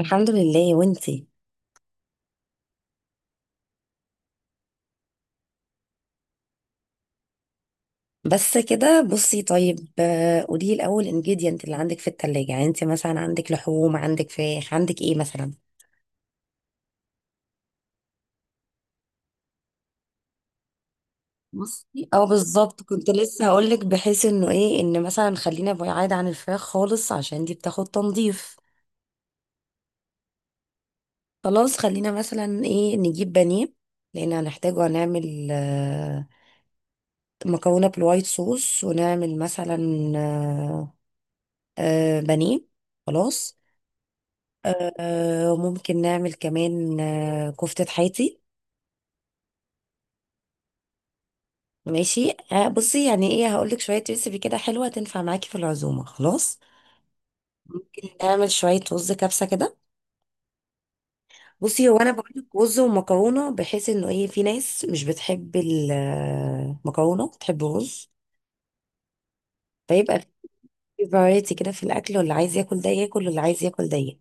الحمد لله وانتي. بس كده بصي طيب قولي لي الاول انجيديانت اللي عندك في التلاجة، يعني انت مثلا عندك لحوم، عندك فراخ، عندك ايه مثلا؟ بصي اه بالظبط كنت لسه هقولك بحيث انه ايه، ان مثلا خلينا بعيد عن الفراخ خالص عشان دي بتاخد تنظيف. خلاص خلينا مثلا ايه، نجيب بانيه لان هنحتاجه، هنعمل مكرونه بالوايت صوص، ونعمل مثلا آه، بانيه. خلاص ممكن نعمل كمان كفتة حياتي. ماشي بصي، يعني ايه، هقولك شوية ريسيبي كده حلوة تنفع معاكي في العزومة. خلاص نعمل شوية رز كبسة كده. بصي هو انا بقولك رز ومكرونة بحيث انه ايه، في ناس مش بتحب المكرونة بتحب الرز. فيبقى في فرايتي كده في الاكل، واللي عايز ياكل ده ياكل، واللي عايز ياكل ده ياكل.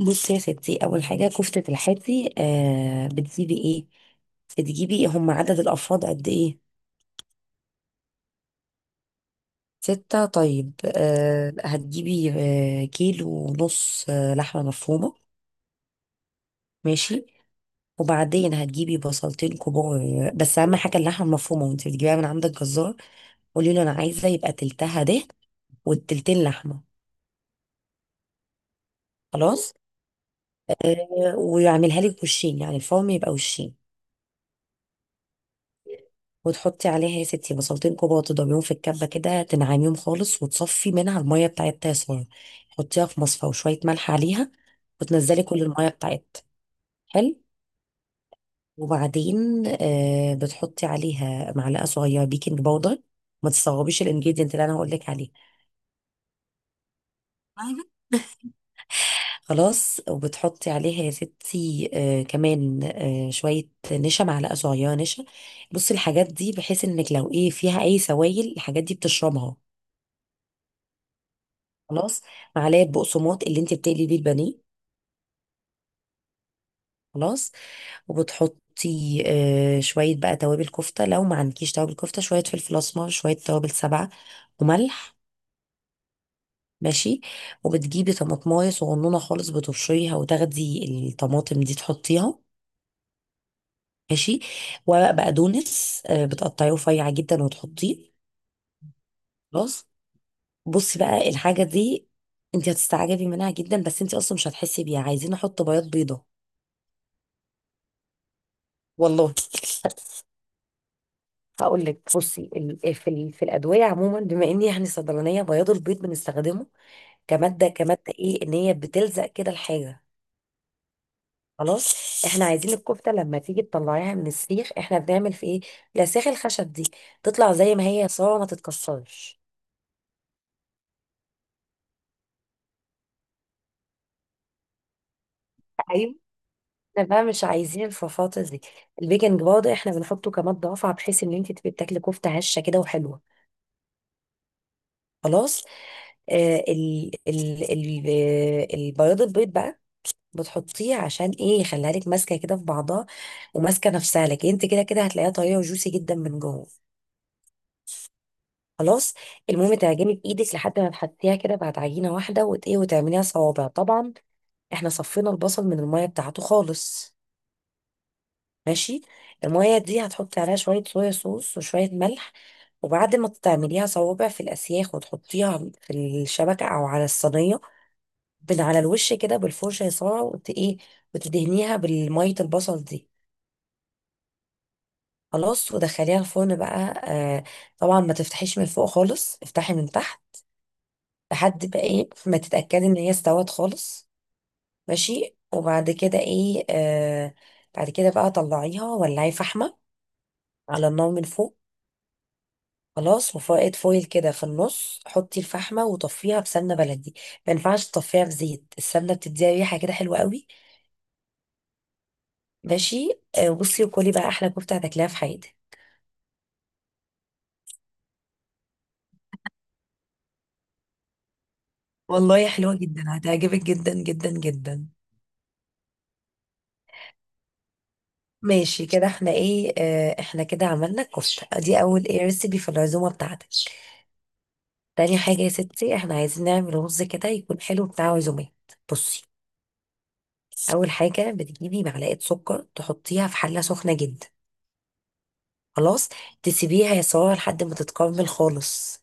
بصي يا ستي، اول حاجة كفتة الحاتي، بتجيبي ايه؟ بتجيبي هم عدد الافراد قد ايه؟ ستة، طيب أه هتجيبي أه كيلو ونص لحمة مفرومة. ماشي وبعدين هتجيبي بصلتين كبار. بس أهم حاجة اللحمة المفرومة، وانت بتجيبيها من عند الجزار قولي له أنا عايزة يبقى تلتها دهن والتلتين لحمة. خلاص، أه ويعملها لك وشين، يعني الفرم يبقى وشين. وتحطي عليها يا ستي بصلتين كبار تضربيهم في الكبة كده تنعميهم خالص وتصفي منها المية بتاعتها يا سارة. حطيها في مصفى وشوية ملح عليها وتنزلي كل المية بتاعتها. حلو. وبعدين بتحطي عليها معلقه صغيره بيكنج باودر. ما تستغربيش الانجريدينت اللي انا هقول لك عليه. أيوة، خلاص. وبتحطي عليها يا ستي كمان شويه نشا، معلقه صغيره نشا. بصي الحاجات دي بحيث انك لو ايه، فيها اي سوائل الحاجات دي بتشربها. خلاص، معلقه بقسماط اللي انت بتقلي بيه البانيه. خلاص وبتحطي شويه بقى توابل كفته، لو ما عندكيش توابل كفته شويه فلفل اسمر شويه توابل سبعه وملح. ماشي. وبتجيبي طماطمايه صغنونه خالص بتبشريها وتاخدي الطماطم دي تحطيها. ماشي. ورق بقدونس بتقطعيه رفيع جدا وتحطيه. خلاص. بصي بقى الحاجه دي انت هتستعجبي منها جدا، بس انت اصلا مش هتحسي بيها، عايزين احط بياض بيضه. والله هقول لك، بصي في الادويه عموما، بما اني يعني صيدلانيه، بياض البيض بنستخدمه كماده ايه، ان هي بتلزق كده الحاجه. خلاص، احنا عايزين الكفته لما تيجي تطلعيها من السيخ احنا بنعمل في ايه، الاسياخ الخشب دي تطلع زي ما هي صورة، ما تتكسرش. ايوه، احنا بقى مش عايزين الفرفاطه دي. البيكنج باودر احنا بنحطه كمادة رافعة بحيث ان انت تبقي بتاكلي كفته هشه كده وحلوه. خلاص. آه ال ال ال آه، البياض البيض بقى بتحطيه عشان ايه، يخليها لك ماسكه كده في بعضها وماسكه نفسها لك، انت كده كده هتلاقيها طريه وجوسي جدا من جوه. خلاص. المهم تعجني بايدك لحد ما تحطيها كده بعد عجينه واحده ايه، وتعمليها صوابع. طبعا احنا صفينا البصل من الميه بتاعته خالص. ماشي. الميه دي هتحطي عليها شويه صويا صوص وشويه ملح، وبعد ما تعمليها صوابع في الاسياخ وتحطيها في الشبكه او على الصينيه من على الوش كده بالفرشه يا ساره، وت ايه، وتدهنيها بالميه البصل دي. خلاص ودخليها الفرن بقى. آه، طبعا ما تفتحيش من فوق خالص، افتحي من تحت لحد بقى ايه، ما تتأكدي ان هي استوت خالص. ماشي. وبعد كده ايه بعد كده بقى طلعيها، ولعي فحمة على النار من فوق. خلاص. وفائد فويل كده في النص، حطي الفحمة وطفيها بسمنة بلدي. ما ينفعش تطفيها بزيت، السمنة بتديها ريحة كده حلوة قوي. ماشي. بصي وكلي بقى احلى كفتة هتاكليها في حياتك. والله حلوة جدا، هتعجبك جدا جدا جدا. ماشي، كده احنا ايه، اه احنا كده عملنا الكفتة دي اول ايه ريسيبي في العزومة بتاعتك. تاني حاجة يا ستي احنا عايزين نعمل رز كده يكون حلو بتاع عزومات. بصي، أول حاجة بتجيبي معلقة سكر تحطيها في حلة سخنة جدا. خلاص. تسيبيها يا سارة لحد ما تتكرمل خالص،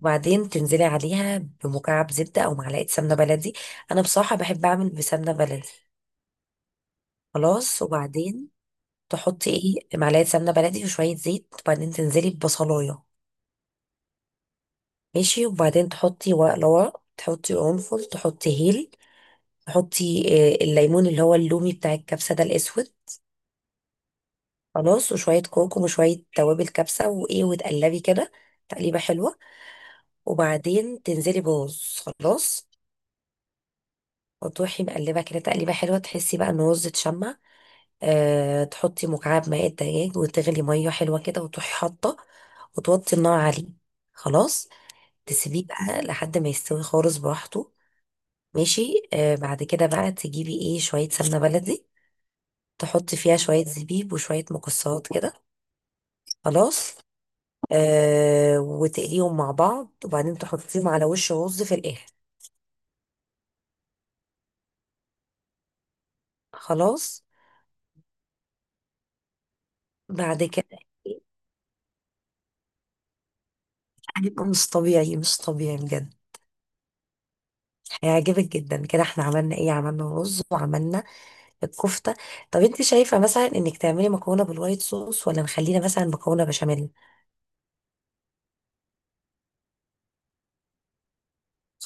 وبعدين تنزلي عليها بمكعب زبدة أو معلقة سمنة بلدي. أنا بصراحة بحب أعمل بسمنة بلدي. خلاص وبعدين تحطي ايه، معلقة سمنة بلدي وشوية زيت، وبعدين تنزلي ببصلاية. ماشي. وبعدين تحطي ورق لورا، تحطي قرنفل، تحطي هيل، تحطي الليمون اللي هو اللومي بتاع الكبسة ده الأسود. خلاص وشوية كركم وشوية توابل كبسة وإيه وتقلبي كده تقليبة حلوة. وبعدين تنزلي برز. خلاص وتروحي مقلبة كده تقليبة حلوة تحسي بقى إن الرز اتشمع. أه تحطي مكعب ماء الدجاج وتغلي مية حلوة كده وتروحي حاطة وتوطي النار عليه. خلاص، تسيبيه بقى لحد ما يستوي خالص براحته. ماشي. بعد كده بقى تجيبي ايه، شوية سمنة بلدي تحطي فيها شوية زبيب وشوية مكسرات كده. خلاص. آه وتقليهم مع بعض وبعدين تحطيهم على وش رز في الآخر. خلاص. بعد كده هيبقى مش طبيعي، مش طبيعي بجد، هيعجبك جدا. كده احنا عملنا ايه، عملنا رز وعملنا الكفتة. طب انت شايفة مثلا انك تعملي مكرونة بالوايت صوص، ولا نخلينا مثلا مكرونة بشاميل.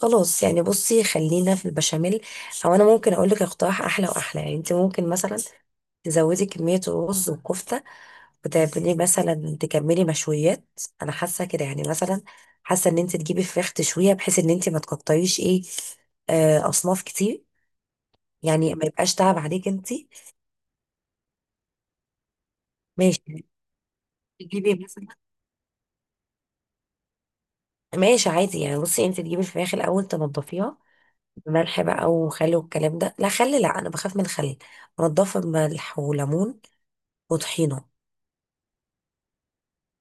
خلاص يعني بصي خلينا في البشاميل. او انا ممكن اقول لك اقتراح احلى واحلى، يعني انت ممكن مثلا تزودي كمية الرز والكفتة وتعملي مثلا، تكملي مشويات. انا حاسه كده، يعني مثلا حاسه ان انت تجيبي فراخ تشويها بحيث ان انت ما تقطعيش ايه اصناف كتير. يعني ما يبقاش تعب عليك انت. ماشي. تجيبي مثلا، ماشي عادي، يعني بصي انت تجيبي الفراخ الاول تنضفيها بملح بقى وخل والكلام ده، لا خل، لا انا بخاف من الخل. انضفها بملح وليمون وطحينه.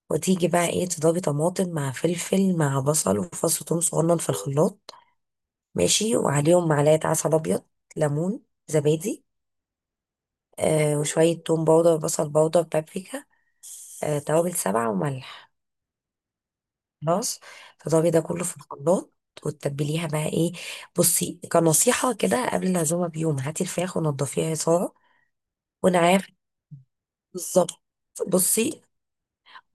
وتيجي بقى ايه، تضربي طماطم مع فلفل مع بصل وفص ثوم صغنن في الخلاط. ماشي. وعليهم معلقة عسل أبيض، ليمون، زبادي، آه وشوية توم باودر بصل باودر بابريكا، آه توابل سبعة وملح. خلاص، تضربي ده كله في الخلاط وتتبليها بقى ايه. بصي كنصيحة كده، قبل العزومة بيوم هاتي الفراخ ونضفيها يا سارة. وانا عارف بالظبط. بصي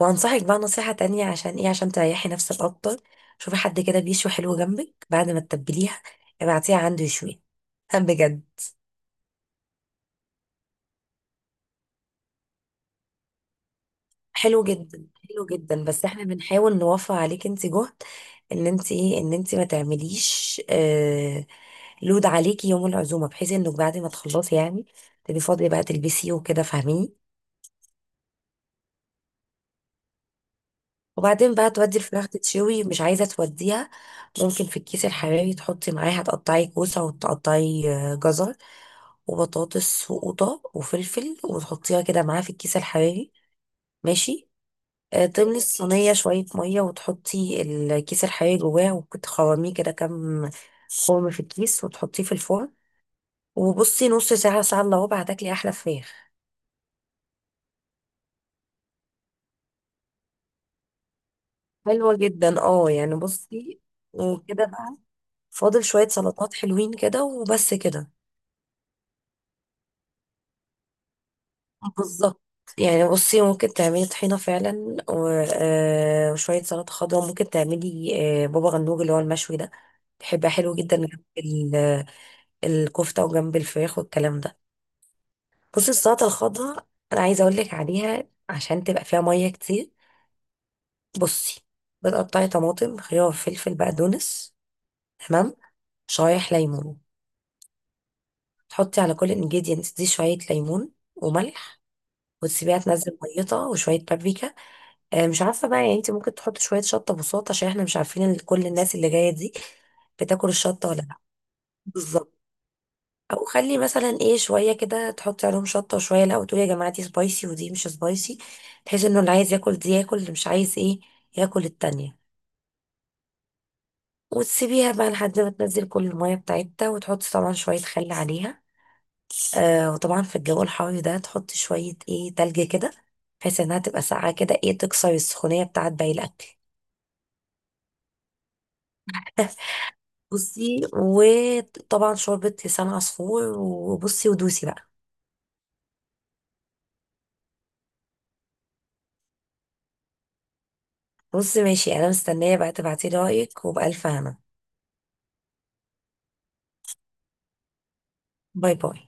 وانصحك بقى نصيحة تانية، عشان ايه، عشان تريحي نفسك اكتر شوفي حد كده بيشوي حلو جنبك بعد ما تتبليها ابعتيها عنده يشوي بجد حلو جدا، حلو جدا، بس احنا بنحاول نوفر عليك انت جهد، ان انت ايه، ان انت ما تعمليش لود عليكي يوم العزومه بحيث انك بعد ما تخلصي يعني تبقي فاضيه بقى تلبسي وكده، فاهميني. وبعدين بقى تودي الفراخ تتشوي، مش عايزه توديها ممكن في الكيس الحراري تحطي معاها، تقطعي كوسه وتقطعي جزر وبطاطس وقوطه وفلفل وتحطيها كده معاها في الكيس الحراري. ماشي. تملي الصينية شوية مية وتحطي الكيس الحقيقي جواه وتخرميه كده كام خرم في الكيس، وتحطيه في الفرن. وبصي نص ساعة ساعة إلا ربع هتاكلي أحلى فراخ. حلوة جدا اه، يعني بصي وكده بقى فاضل شوية سلطات حلوين كده وبس كده. بالظبط، يعني بصي ممكن تعملي طحينة فعلا وشوية سلطة خضراء، ممكن تعملي بابا غنوج اللي هو المشوي ده، بيبقى حلو جدا جنب الكفتة وجنب الفراخ والكلام ده. بصي السلطة الخضراء أنا عايزة أقولك عليها عشان تبقى فيها مية كتير. بصي، بتقطعي طماطم خيار فلفل بقدونس. تمام. شرايح ليمون. تحطي على كل انجيدينت دي شوية ليمون وملح، وتسيبيها تنزل ميتها، وشوية بابريكا. آه مش عارفة بقى، يعني انت ممكن تحطي شوية شطة بساط، عشان احنا مش عارفين كل الناس اللي جاية دي بتاكل الشطة ولا لا. بالظبط. او خلي مثلا ايه، شويه كده تحطي عليهم شطه وشويه لا، وتقولي يا جماعه دي سبايسي ودي مش سبايسي، بحيث انه اللي عايز ياكل دي ياكل، اللي مش عايز ايه ياكل التانية. وتسيبيها بقى لحد ما تنزل كل الميه بتاعتها، وتحطي طبعا شويه خل عليها. آه وطبعا في الجو الحار ده تحطي شويه ايه تلج كده بحيث انها تبقى ساقعه كده ايه، تكسر السخونيه بتاعت باقي الاكل. بصي وطبعا شوربة لسان عصفور، وبصي ودوسي بقى. بصي ماشي، انا مستنية بقى تبعتيلي رأيك وبألف هنا. باي باي.